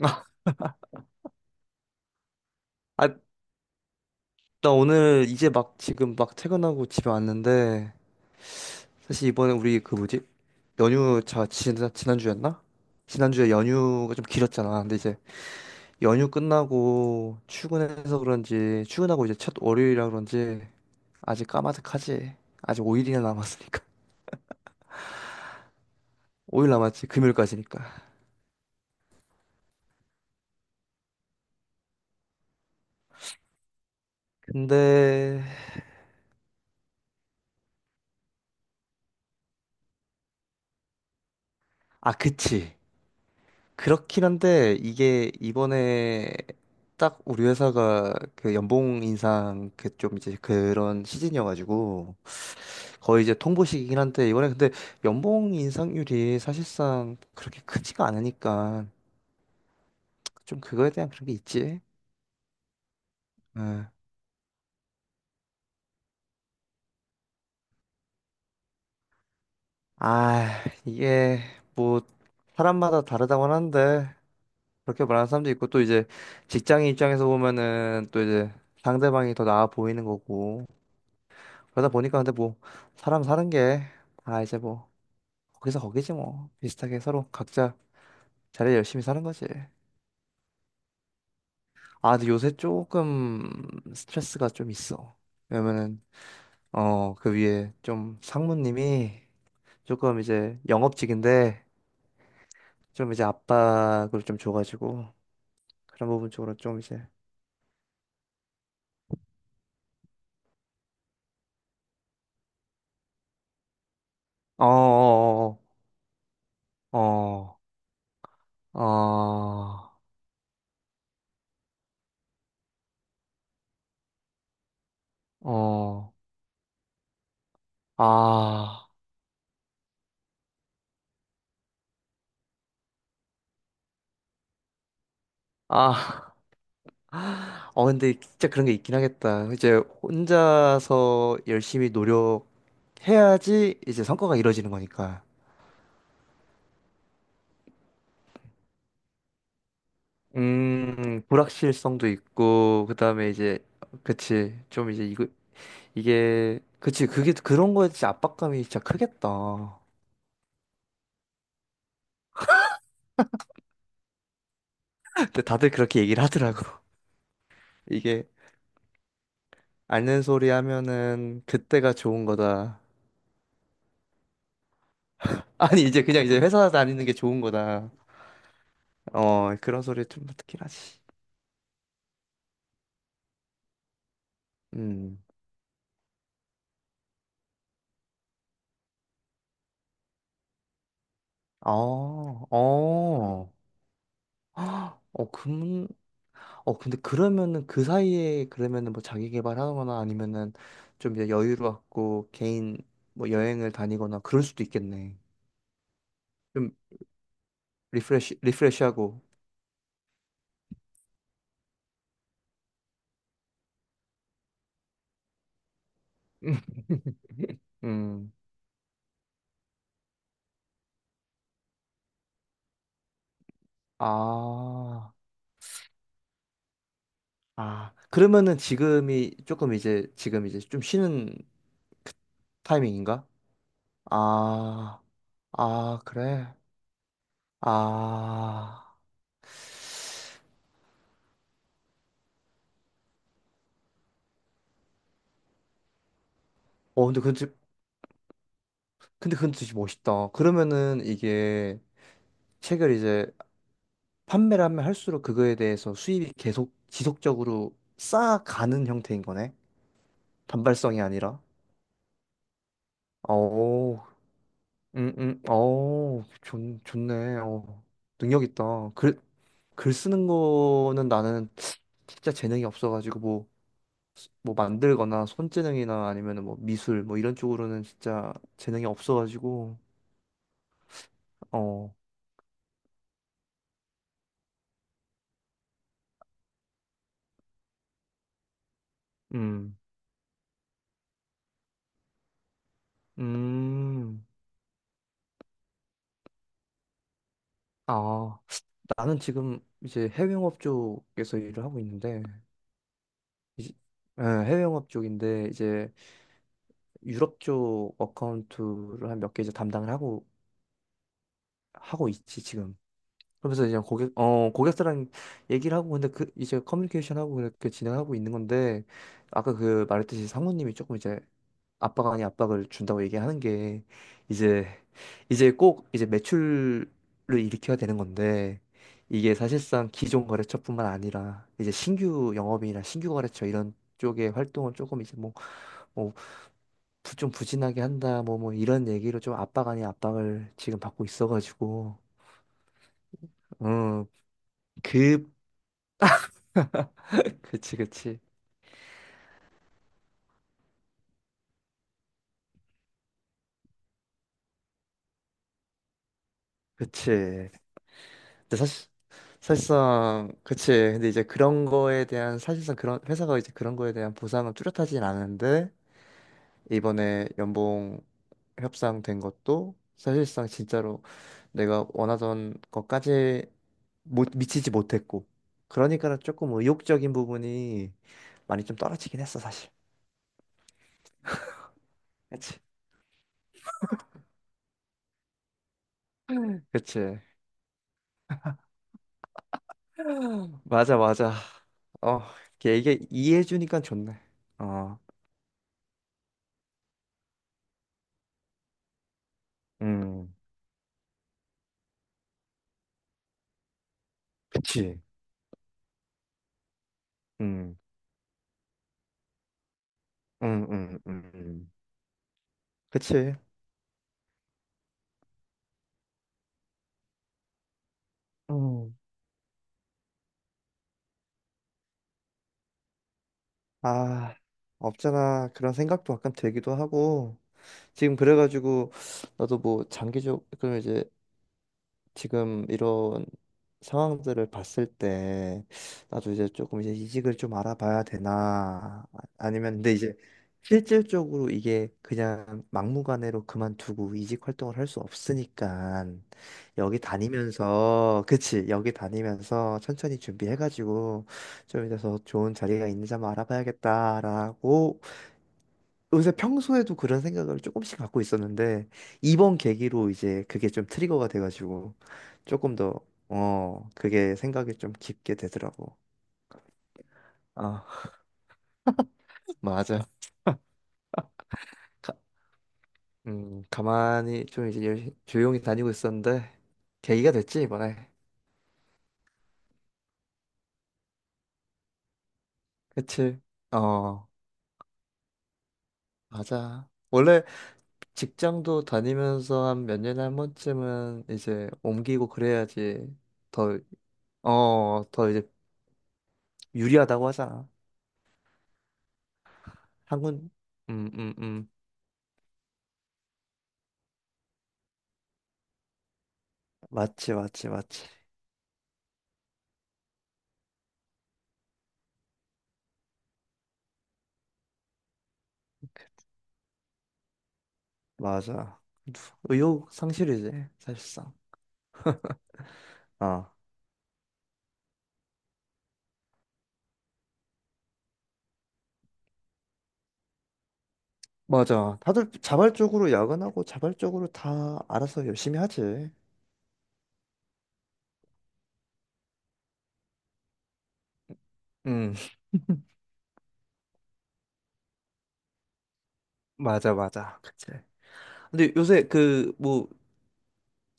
아, 아, 나 오늘 지금 막 퇴근하고 집에 왔는데 사실 이번에 우리 그 뭐지? 연휴 자 지난주였나? 지난주에 연휴가 좀 길었잖아. 근데 이제 연휴 끝나고 출근해서 그런지 출근하고 이제 첫 월요일이라 그런지 아직 까마득하지. 아직 5일이나 남았으니까. 5일 남았지. 금요일까지니까. 근데 아, 그치. 그렇긴 한데 이게 이번에 딱 우리 회사가 그 연봉 인상 그 좀 이제 그런 시즌이어가지고 거의 이제 통보식이긴 한데 이번에 근데 연봉 인상률이 사실상 그렇게 크지가 않으니까 좀 그거에 대한 그런 게 있지. 응. 아, 이게 뭐 사람마다 다르다고 하는데 그렇게 말하는 사람도 있고 또 이제 직장인 입장에서 보면은 또 이제 상대방이 더 나아 보이는 거고, 그러다 보니까 근데 뭐 사람 사는 게, 아 이제 뭐 거기서 거기지. 뭐 비슷하게 서로 각자 자리 열심히 사는 거지. 아, 근데 요새 조금 스트레스가 좀 있어. 왜냐면은 어, 그 위에 좀 상무님이 조금 이제 영업직인데 좀 이제 압박을 좀 줘가지고 그런 부분 쪽으로 좀 이제. 어어어어어어아 아. 아. 어, 근데 진짜 그런 게 있긴 하겠다. 이제 혼자서 열심히 노력해야지 이제 성과가 이루어지는 거니까. 불확실성도 있고, 그 다음에 이제, 그치. 좀 이제 이거, 이게, 그치. 그게 그런 거에 진짜 압박감이 진짜 크겠다. 근데 다들 그렇게 얘기를 하더라고. 이게, 아는 소리 하면은 그때가 좋은 거다. 아니, 이제 그냥 이제 회사 다니는 게 좋은 거다. 어, 그런 소리 좀 듣긴 하지. 음. 아. 어. 헉, 어, 그, 어, 근데 그러면은 그 사이에 그러면은 뭐 자기 개발하거나 아니면은 좀 이제 여유롭고 개인 뭐 여행을 다니거나 그럴 수도 있겠네. 좀 리프레시, 리프레시하고. 음, 아. 아, 그러면은 지금이 조금 이제 지금 이제 좀 쉬는 타이밍인가? 아. 아, 그래. 아, 어, 근데 근데 그건 진짜 멋있다. 그러면은 이게 책을 이제 판매를 하면 할수록 그거에 대해서 수입이 계속 지속적으로 쌓아가는 형태인 거네. 단발성이 아니라. 오. 어, 좋네. 어, 능력 있다. 글 쓰는 거는 나는 진짜 재능이 없어가지고 뭐, 뭐 만들거나 손재능이나 아니면 뭐 미술 뭐 이런 쪽으로는 진짜 재능이 없어가지고. 어, 음, 음, 아, 나는 지금 이제 해외 영업 쪽에서 일을 하고 있는데. 이제- 예, 해외 영업 쪽인데 이제 유럽 쪽 어카운트를 한 몇 개 이제 담당을 하고 있지 지금. 그러면서 이제 고객사랑 얘기를 하고 근데 그 이제 커뮤니케이션 하고 그렇게 진행하고 있는 건데 아까 그 말했듯이 상무님이 조금 이제 압박 아니 압박을 준다고 얘기하는 게 이제 이제 꼭 이제 매출을 일으켜야 되는 건데 이게 사실상 기존 거래처뿐만 아니라 이제 신규 영업이나 신규 거래처 이런 쪽의 활동은 조금 이제 뭐, 뭐 좀 부진하게 한다 뭐 이런 얘기로 좀 압박 아닌 압박을 지금 받고 있어가지고. 어그. 그치 그치. 근데 사실, 사실상 그치, 근데 이제 그런 거에 대한 사실상 그런 회사가 이제 그런 거에 대한 보상은 뚜렷하진 않은데 이번에 연봉 협상된 것도 사실상 진짜로 내가 원하던 것까지 못 미치지 못했고 그러니까는 조금 의욕적인 부분이 많이 좀 떨어지긴 했어 사실. 그치. 그치. 맞아, 맞아. 어, 이게 이게 이해해주니까 좋네. 어, 음, 그치. 음, 음, 음, 음, 음. 그치. 음, 아, 없잖아. 그런 생각도 약간 들기도 하고. 지금 그래가지고, 나도 뭐, 장기적, 그럼 이제 지금 이런 상황들을 봤을 때 나도 이제 조금 이제 이직을 좀 알아봐야 되나, 아니면 근데 이제 실질적으로 이게 그냥 막무가내로 그만두고 이직 활동을 할 수 없으니까 여기 다니면서, 그치, 여기 다니면서 천천히 준비해가지고 좀 이제 더 좋은 자리가 있는지 한번 알아봐야겠다라고 요새 평소에도 그런 생각을 조금씩 갖고 있었는데 이번 계기로 이제 그게 좀 트리거가 돼가지고 조금 더 어, 그게 생각이 좀 깊게 되더라고. 아, 맞아. 가, 가만히 좀 조용히 다니고 있었는데 계기가 됐지, 이번에. 그치? 어, 맞아. 원래 직장도 다니면서 한 몇 년에 한 번쯤은 이제 옮기고 그래야지 더, 어, 더 이제 유리하다고 하잖아. 한군, 음, 음, 음. 맞지, 맞지, 맞지. 맞아. 의욕 상실이지, 사실상. 아, 맞아. 다들 자발적으로 야근하고 자발적으로 다 알아서 열심히 하지. 음, 맞아, 맞아. 그치. 근데 요새 그, 뭐,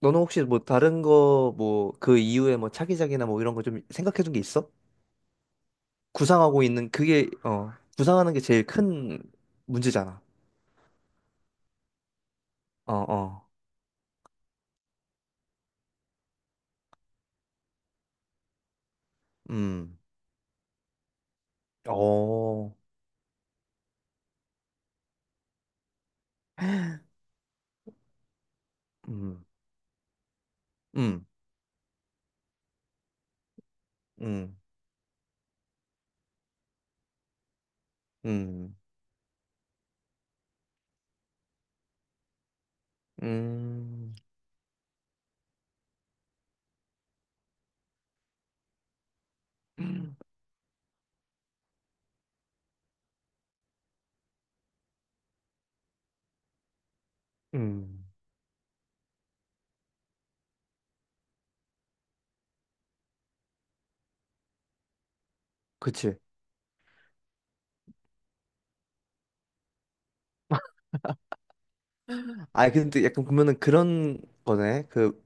너는 혹시 뭐 다른 거, 뭐, 그 이후에 뭐 차기작이나 뭐 이런 거 좀 생각해 둔 게 있어? 구상하고 있는 그게, 어, 구상하는 게 제일 큰 문제잖아. 어, 어. 음. 어. 음, 음, 음. 음. 음. 음, 그치. 아, 근데 약간 보면은 그런 거네. 그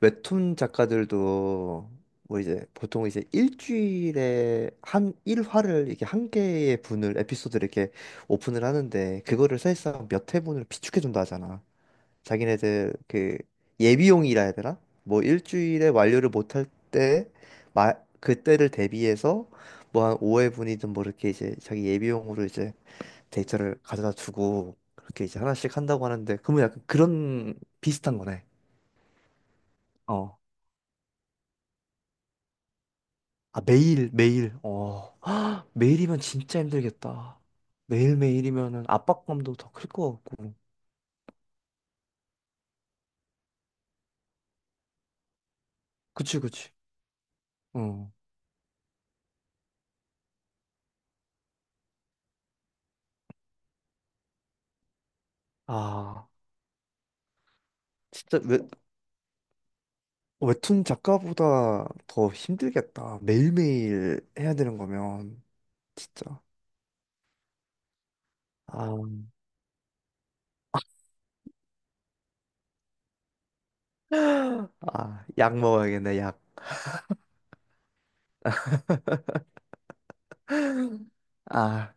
웹툰 작가들도 뭐 이제 보통 이제 일주일에 한 일화를 이렇게 한 개의 분을 에피소드를 이렇게 오픈을 하는데 그거를 사실상 몇 회분을 비축해준다 하잖아. 자기네들 그 예비용이라 해야 되나? 뭐 일주일에 완료를 못할 때 마, 그때를 대비해서 뭐 한 5회분이든 뭐 이렇게 이제 자기 예비용으로 이제 데이터를 가져다 주고 그렇게 이제 하나씩 한다고 하는데 그러면 약간 그런 비슷한 거네. 어. 아, 매일 매일. 어. 매일이면 진짜 힘들겠다. 매일매일이면은 압박감도 더 클 것 같고. 그치 그치. 어. 아, 진짜 웹 웹툰 작가보다 더 힘들겠다. 매일매일 해야 되는 거면 진짜. 아, 아, 약 먹어야겠네, 약. 아,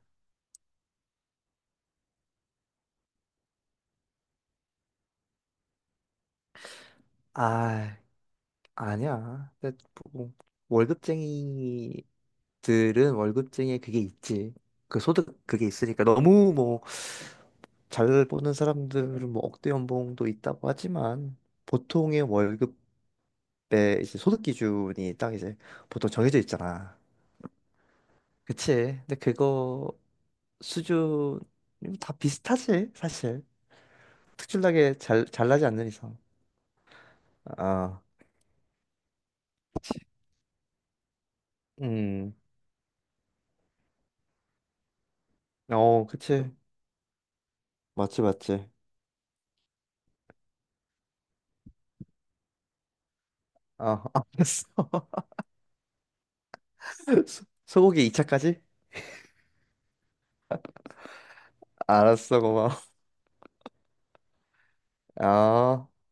아. 아니야. 근데 뭐, 뭐 월급쟁이들은 월급쟁이에 그게 있지. 그 소득 그게 있으니까 너무 뭐 잘 버는 사람들은 뭐 억대 연봉도 있다고 하지만 보통의 월급의 이제 소득 기준이 딱 이제 보통 정해져 있잖아. 그치? 근데 그거 수준 다 비슷하지 사실. 특출나게 잘 잘나지 않는 이상. 아, 음, 어, 그치. 맞지 맞지. 아, 알았어. 소고기 2차까지? 알았어, 고마워. 아.